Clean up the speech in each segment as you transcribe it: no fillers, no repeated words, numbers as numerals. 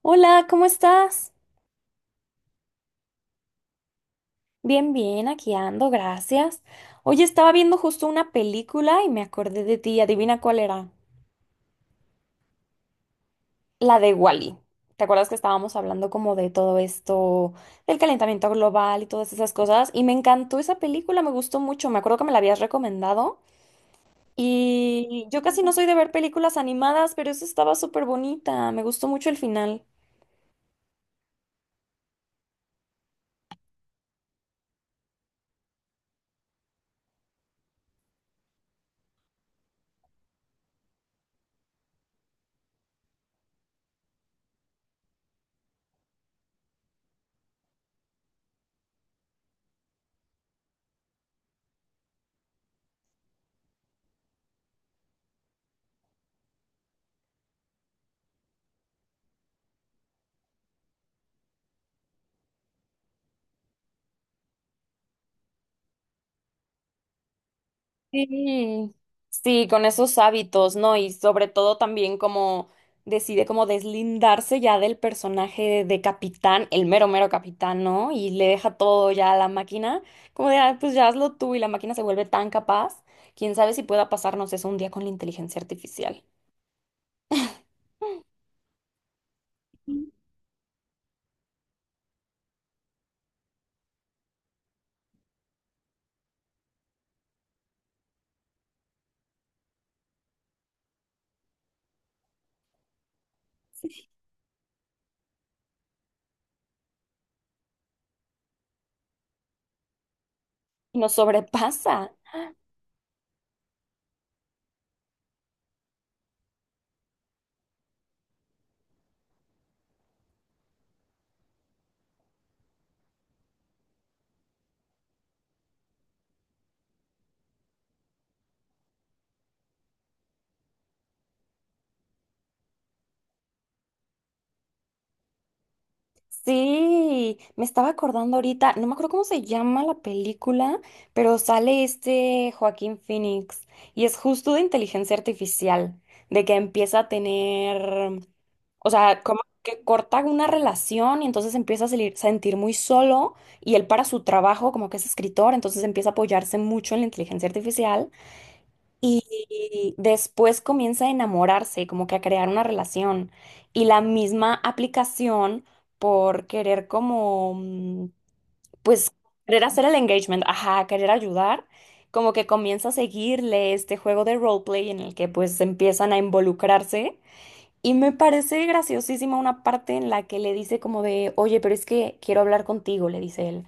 Hola, ¿cómo estás? Bien, bien, aquí ando, gracias. Oye, estaba viendo justo una película y me acordé de ti. Adivina cuál era. La de Wally. ¿Te acuerdas que estábamos hablando como de todo esto, del calentamiento global y todas esas cosas? Y me encantó esa película, me gustó mucho. Me acuerdo que me la habías recomendado. Y yo casi no soy de ver películas animadas, pero esa estaba súper bonita. Me gustó mucho el final. Sí, sí, con esos hábitos, ¿no? Y sobre todo también como decide como deslindarse ya del personaje de capitán, el mero mero capitán, ¿no? Y le deja todo ya a la máquina, como de, "Ah, pues ya hazlo tú y la máquina se vuelve tan capaz, quién sabe si pueda pasarnos eso un día con la inteligencia artificial. Y nos sobrepasa. Sí, me estaba acordando ahorita, no me acuerdo cómo se llama la película, pero sale este Joaquín Phoenix y es justo de inteligencia artificial, de que empieza a tener, o sea, como que corta una relación y entonces empieza a sentir muy solo y él para su trabajo, como que es escritor, entonces empieza a apoyarse mucho en la inteligencia artificial y después comienza a enamorarse, como que a crear una relación. Y la misma aplicación por querer como, pues, querer hacer el engagement, ajá, querer ayudar, como que comienza a seguirle este juego de roleplay en el que pues empiezan a involucrarse. Y me parece graciosísima una parte en la que le dice como de, oye, pero es que quiero hablar contigo, le dice él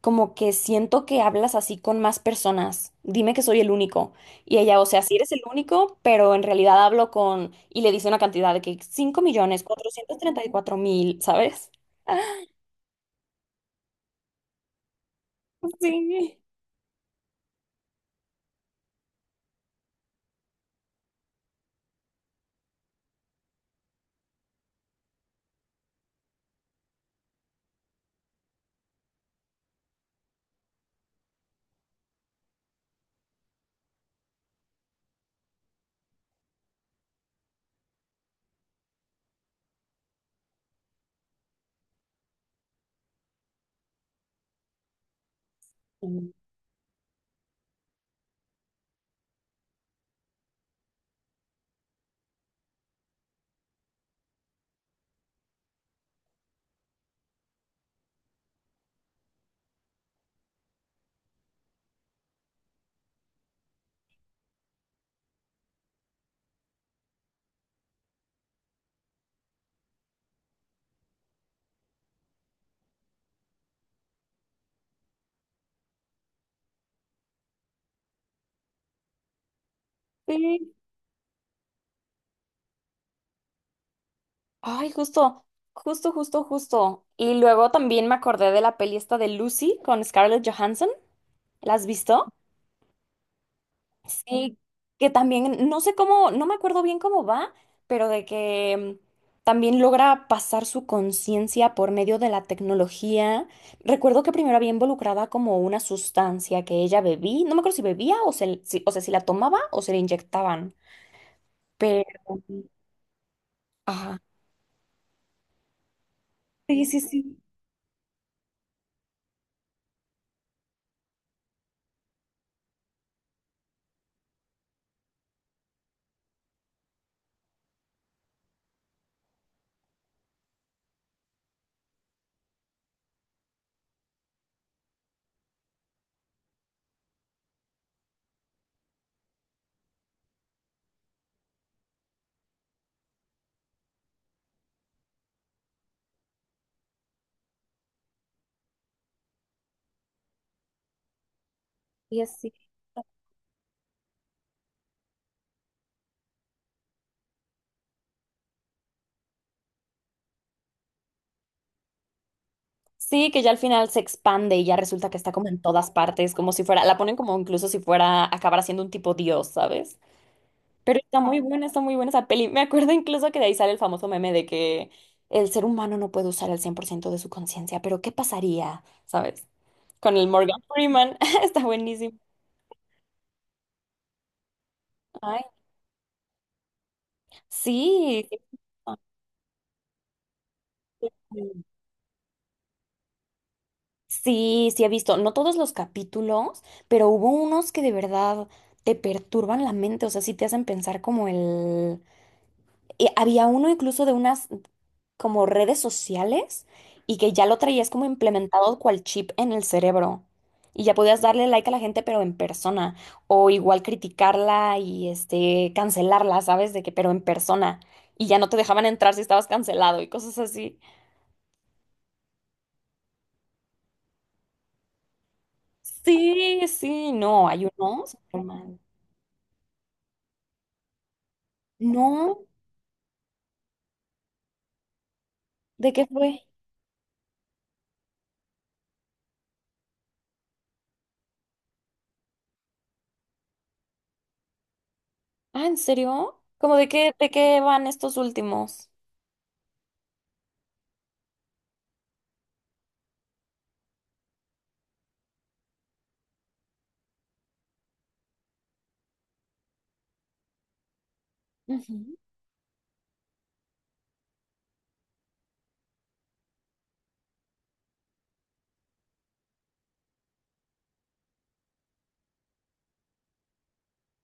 como que siento que hablas así con más personas. Dime que soy el único. Y ella, o sea, sí eres el único, pero en realidad hablo con, y le dice una cantidad de que 5.434.000, ¿sabes? Sí. Sí. Ay, justo. Y luego también me acordé de la peli esta de Lucy con Scarlett Johansson. ¿La has visto? Sí, que también, no sé cómo, no me acuerdo bien cómo va, pero de que también logra pasar su conciencia por medio de la tecnología. Recuerdo que primero había involucrada como una sustancia que ella bebía, no me acuerdo si bebía o, se, o sea, si la tomaba o se la inyectaban, pero... Ajá. Sí, sí, sí. Sí, así. Sí, que ya al final se expande y ya resulta que está como en todas partes, como si fuera, la ponen como incluso si fuera acabar siendo un tipo dios, ¿sabes? Pero está muy buena esa peli. Me acuerdo incluso que de ahí sale el famoso meme de que el ser humano no puede usar el 100% de su conciencia, pero ¿qué pasaría? ¿Sabes? Con el Morgan Freeman. Está buenísimo. Ay, sí. Sí, sí he visto, no todos los capítulos, pero hubo unos que de verdad te perturban la mente, o sea, sí te hacen pensar como el... había uno incluso de unas, como redes sociales y que ya lo traías como implementado cual chip en el cerebro. Y ya podías darle like a la gente, pero en persona. O igual criticarla y este cancelarla, ¿sabes? De que, pero en persona. Y ya no te dejaban entrar si estabas cancelado y cosas así. Sí, sí, no, hay unos. Pero man, no, ¿de qué fue? Ah, ¿en serio? ¿Cómo de qué van estos últimos? Ujú.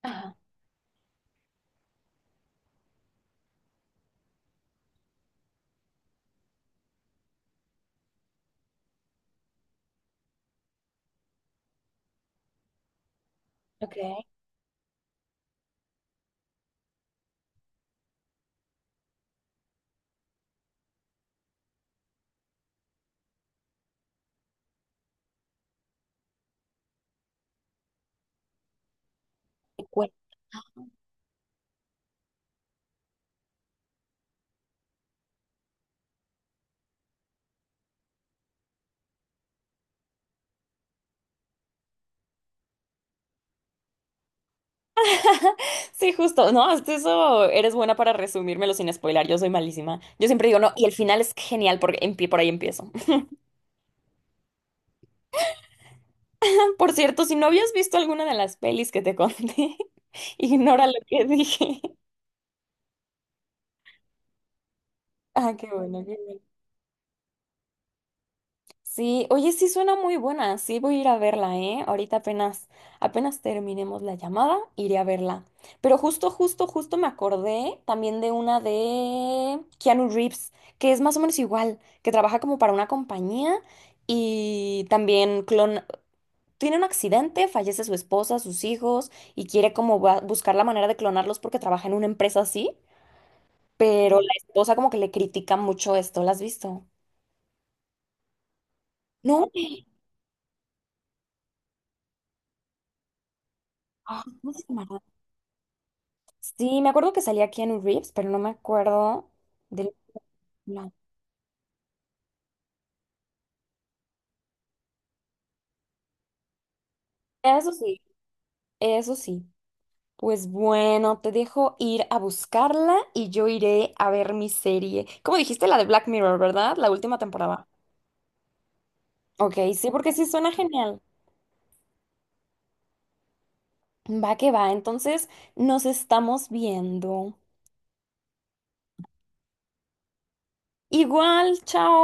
Ajá, ok. Sí, justo. No, hasta eso eres buena para resumírmelo sin spoiler. Yo soy malísima. Yo siempre digo, no, y el final es genial porque por ahí empiezo. Por cierto, si no habías visto alguna de las pelis que te conté, ignora lo que dije. Ah, qué bueno, qué bueno. Sí, oye, sí suena muy buena, sí voy a ir a verla, ¿eh? Ahorita apenas, apenas terminemos la llamada, iré a verla. Pero justo me acordé también de una de Keanu Reeves, que es más o menos igual, que trabaja como para una compañía y también clon... tiene un accidente, fallece su esposa, sus hijos y quiere como buscar la manera de clonarlos porque trabaja en una empresa así, pero la esposa como que le critica mucho esto, ¿la has visto? No. Ah, ¿cómo se llamará? Sí, me acuerdo que salía Keanu Reeves, pero no me acuerdo del... No. Eso sí, eso sí. Pues bueno, te dejo ir a buscarla y yo iré a ver mi serie. Como dijiste, la de Black Mirror, ¿verdad? La última temporada. Ok, sí, porque sí suena genial. Va que va, entonces nos estamos viendo. Igual, chao.